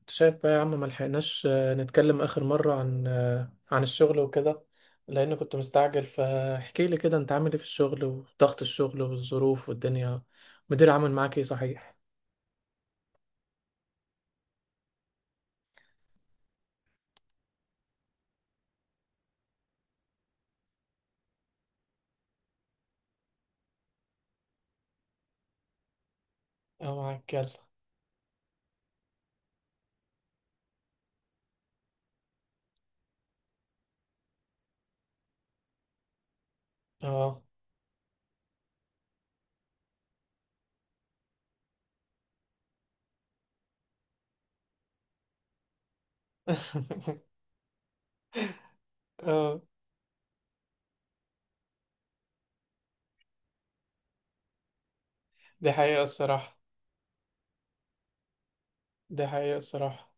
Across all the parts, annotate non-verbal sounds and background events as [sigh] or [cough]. انت شايف بقى يا عم ما لحقناش نتكلم اخر مرة عن عن الشغل وكده، لان كنت مستعجل. فاحكي لي كده، انت عامل ايه في الشغل وضغط الشغل والظروف والدنيا؟ مدير عامل معاك ايه صحيح؟ اه، معاك يلا. اه. [laughs] اه. دي حقيقة الصراحة. دي حقيقة الصراحة.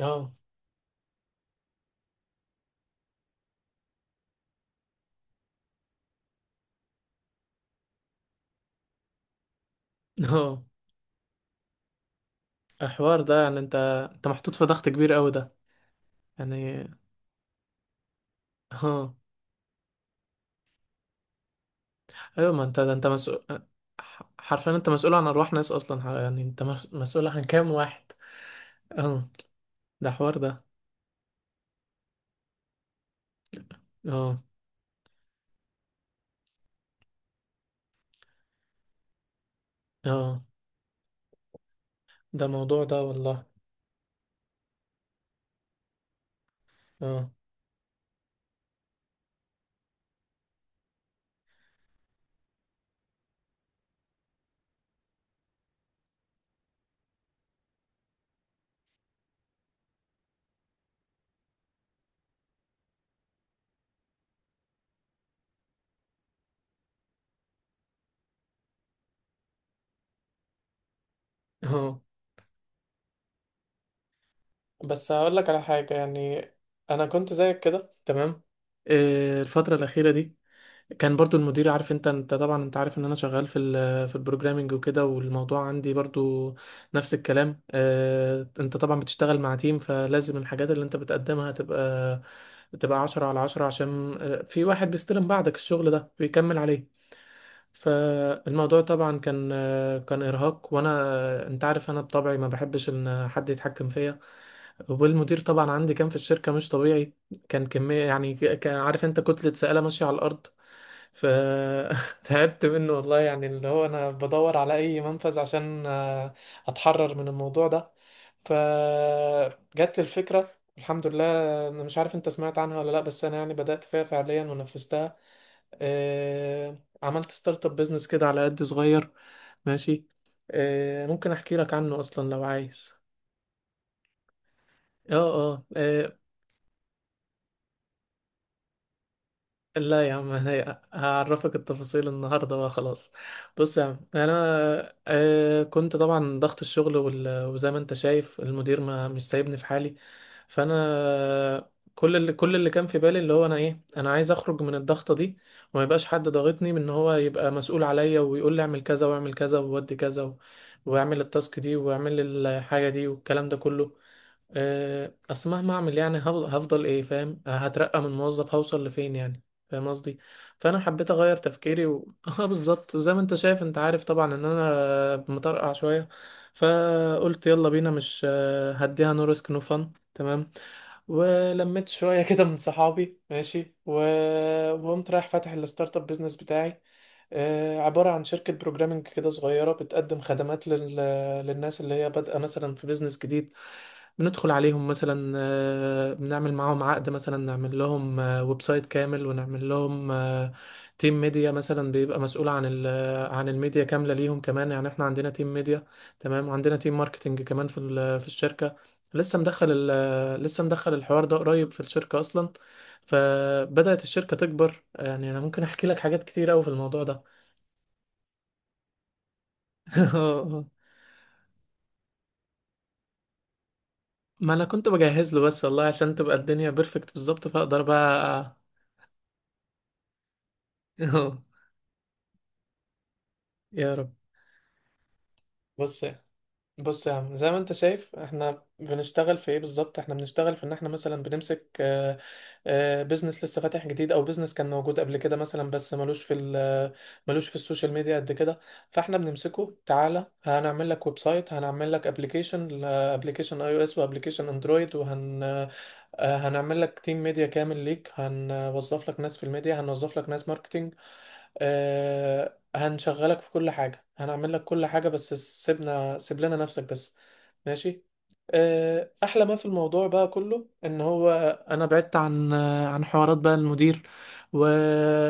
اه. اه. الحوار ده يعني انت، انت محطوط في ضغط كبير قوي ده يعني. اه، ايوه، ما انت ده انت مسؤول. حرفيا انت مسؤول عن ارواح ناس اصلا، ح- يعني انت مسؤول عن كام واحد؟ اه، ده حوار ده. اه. اه، ده موضوع ده والله. اه. اه، بس هقول لك على حاجة يعني. انا كنت زيك كده تمام. إيه الفترة الأخيرة دي، كان برضو المدير عارف، انت انت طبعا انت عارف ان انا شغال في ال في البروجرامينج وكده، والموضوع عندي برضو نفس الكلام. إيه، انت طبعا بتشتغل مع تيم، فلازم الحاجات اللي انت بتقدمها تبقى تبقى عشرة على عشرة، عشان في واحد بيستلم بعدك الشغل ده بيكمل عليه. فالموضوع طبعا كان كان ارهاق، وانا انت عارف انا بطبعي ما بحبش ان حد يتحكم فيا. والمدير طبعا عندي كان في الشركه مش طبيعي. كان كميه يعني، ك- كان، عارف انت، كتله سائله ماشيه على الارض. فتعبت [laughs] منه والله، يعني اللي هو انا بدور على اي منفذ عشان اتحرر من الموضوع ده. فجت لي الفكرة الحمد لله. انا مش عارف انت سمعت عنها ولا لا، بس انا يعني بدأت فيها فعليا ونفذتها. عملت ستارت اب بيزنس كده على قد صغير، ماشي. ممكن احكي لك عنه اصلا لو عايز. اه، اه. لا يا عم، انا هعرفك التفاصيل النهارده بقى، خلاص. بص يا عم، انا كنت طبعا ضغط الشغل وزي ما انت شايف المدير ما مش سايبني في حالي. فانا كل اللي كان في بالي اللي هو انا ايه، انا عايز اخرج من الضغطه دي، وما يبقاش حد ضاغطني من ان هو يبقى مسؤول عليا ويقول لي اعمل كذا واعمل كذا وودي كذا واعمل التاسك دي واعمل الحاجه دي والكلام ده كله. اصل مهما اعمل يعني، هل- هفضل ايه فاهم، هترقى من موظف هوصل لفين يعني؟ فاهم قصدي؟ فانا حبيت اغير تفكيري و... [laughs] اه بالظبط. وزي ما انت شايف، انت عارف طبعا ان انا مطرقع شويه. فقلت يلا بينا مش هديها، نو ريسك نو فن، تمام. ولميت شويه [laughs] كده من صحابي، ماشي و... وقمت رايح فاتح الستارت اب بيزنس بتاعي. عبارة عن شركة بروجرامنج كده صغيرة، بتقدم خدمات لل... للناس اللي هي بادئة مثلا في بيزنس جديد. بندخل عليهم مثلا، بنعمل معاهم عقد، مثلا نعمل لهم ويب سايت كامل، ونعمل لهم تيم ميديا مثلا بيبقى مسؤول عن عن الميديا كاملة ليهم. كمان يعني احنا عندنا تيم ميديا تمام، وعندنا تيم ماركتينج كمان في في الشركة. لسه مدخل لسه مدخل الحوار ده قريب في الشركة أصلا. فبدأت الشركة تكبر. يعني أنا ممكن أحكي لك حاجات كتير أوي في الموضوع ده. [laughs] ما أنا كنت بجهز له بس والله، عشان تبقى الدنيا بيرفكت بالظبط فأقدر بقى. [laughs] يا رب. بص. بص يا عم، زي ما انت شايف احنا بنشتغل في ايه بالظبط. احنا بنشتغل في ان احنا مثلا بنمسك بيزنس لسه فاتح جديد، او بيزنس كان موجود قبل كده مثلا، بس ملوش ملوش في السوشيال ميديا قد كده. فاحنا بنمسكه، تعالى هنعمل لك ويب سايت، هنعمل لك ابلكيشن، ابلكيشن اي او اس وابلكيشن اندرويد، وهن آه، هنعمل لك تيم ميديا كامل ليك، هنوظف لك ناس في الميديا، هنوظف لك ناس ماركتنج. آه، هنشغلك في كل حاجة، هنعمل لك كل حاجة، بس سيبنا، سيب لنا نفسك بس، ماشي. آه، أحلى ما في الموضوع بقى كله إن هو أنا بعدت عن عن حوارات بقى المدير و...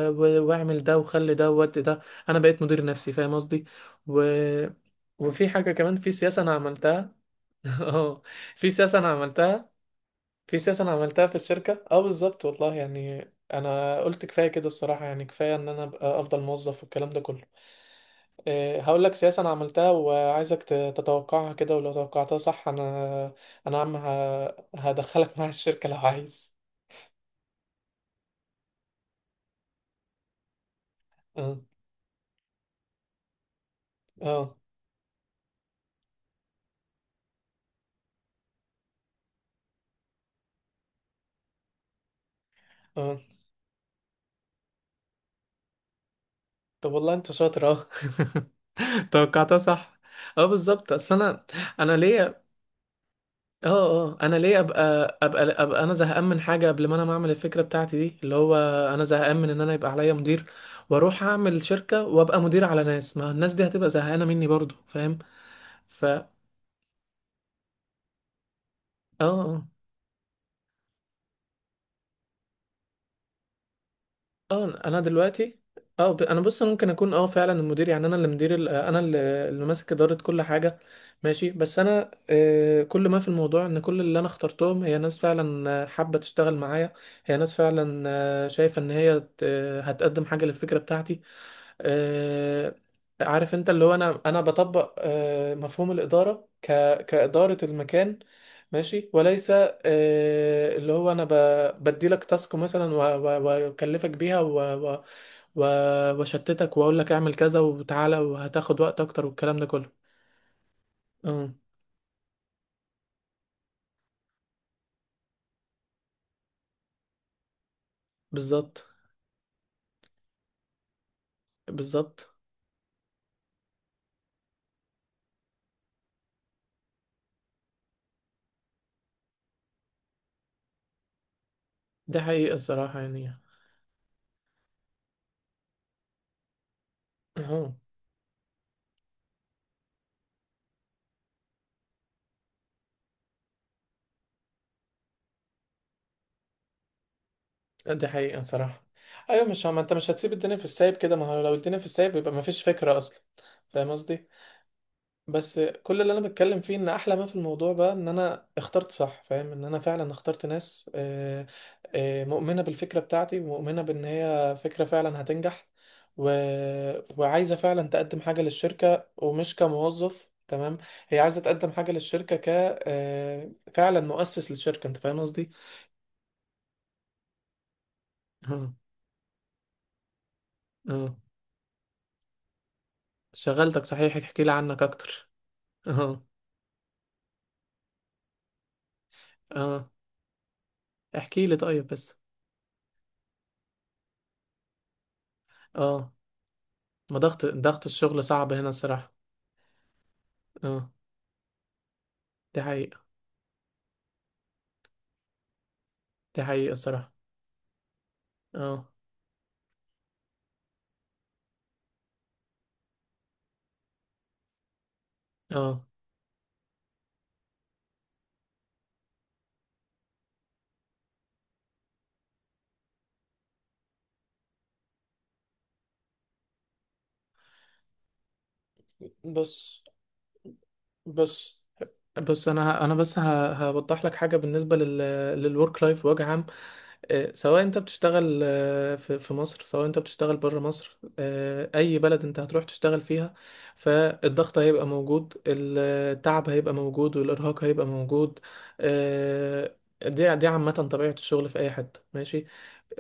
و... واعمل ده وخلي ده وودي ده. أنا بقيت مدير نفسي فاهم قصدي. و... وفي حاجة كمان، في سياسة أنا عملتها. [laughs] اه، في سياسة أنا عملتها. في سياسة أنا عملتها في الشركة، اه بالظبط والله يعني. أنا قلت كفاية كده الصراحة، يعني كفاية إن أنا أبقى أفضل موظف والكلام ده كله. إيه، هقول لك سياسة أنا عملتها وعايزك ت- تتوقعها كده، ولو توقعتها صح أنا أنا عم ه- هدخلك [laughs] معايا الشركة لو عايز. اه. اه. اه، طب والله أنت شاطر. اه. [laughs] توقعتها صح. اه بالظبط، اصل انا انا ليا. اه. اه، انا ليه ابقى ابقى. انا زهقان من حاجه قبل ما انا ما اعمل الفكره بتاعتي دي، اللي هو انا زهقان من ان انا يبقى عليا مدير، واروح اعمل شركه وابقى مدير على ناس، ما الناس دي هتبقى زهقانه مني برضو فاهم. ف اه. آه. اه انا دلوقتي. اه، ب- انا بص، انا ممكن اكون اه فعلا المدير، يعني انا اللي مدير ال- انا اللي اللي ماسك اداره كل حاجه، ماشي. بس انا كل ما في الموضوع ان كل اللي انا اخترتهم هي ناس فعلا حابه تشتغل معايا. هي ناس فعلا شايفه ان هي ت- هتقدم حاجه للفكره بتاعتي. آه، عارف انت، اللي هو انا انا بطبق مفهوم الاداره ك كاداره المكان، ماشي. وليس اللي هو انا ب- بديلك تاسك مثلا واكلفك بيها و- واشتتك واقول لك اعمل كذا وتعالى، وهتاخد وقت اكتر والكلام ده كله. امم. بالظبط. بالظبط. دي حقيقه الصراحه يعني. اهو. دي حقيقه الصراحه. ايوه، مش ما انت مش هتسيب الدنيا في السايب كده، ما هو لو الدنيا في السايب يبقى ما فيش فكره اصلا فاهم قصدي. بس كل اللي انا بتكلم فيه ان احلى ما في الموضوع بقى ان انا اخترت صح فاهم، ان انا فعلا اخترت ناس، مؤمنة بالفكرة بتاعتي ومؤمنة بان هي فكرة فعلا هتنجح و... وعايزة فعلا تقدم حاجة للشركة ومش كموظف، تمام. هي عايزة تقدم حاجة للشركة ك فعلا مؤسس للشركة، انت فاهم قصدي؟ اه. اه. شغلتك صحيح، احكي لي عنك اكتر. اه. اه. احكي لي طيب بس. اه. ما ضغط ضغط الشغل صعب هنا الصراحة. اه، دي حقيقة. دي حقيقة الصراحة. اه. اه. بص. بس بس انا ه- هوضح لك حاجه بالنسبه لل للورك لايف بوجه عام. سواء انت بتشتغل في في مصر، سواء انت بتشتغل بره مصر، اي بلد انت هتروح تشتغل فيها، فالضغط هيبقى موجود، التعب هيبقى موجود، والارهاق هيبقى موجود. آه، دي دي عامه طبيعه الشغل في اي حته، ماشي.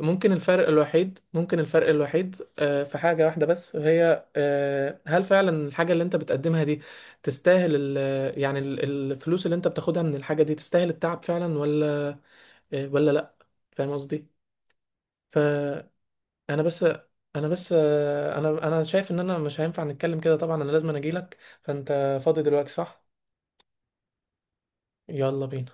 ممكن الفرق الوحيد، ممكن الفرق الوحيد في حاجة واحدة بس، وهي هل فعلا الحاجة اللي انت بتقدمها دي تستاهل ال يعني ال- الفلوس اللي انت بتاخدها من الحاجة دي تستاهل التعب فعلا ولا ولا لا؟ فاهم قصدي. فانا بس، انا بس انا انا شايف ان انا مش هينفع نتكلم كده طبعا، انا لازم اجيلك. فانت فاضي دلوقتي صح؟ يلا بينا.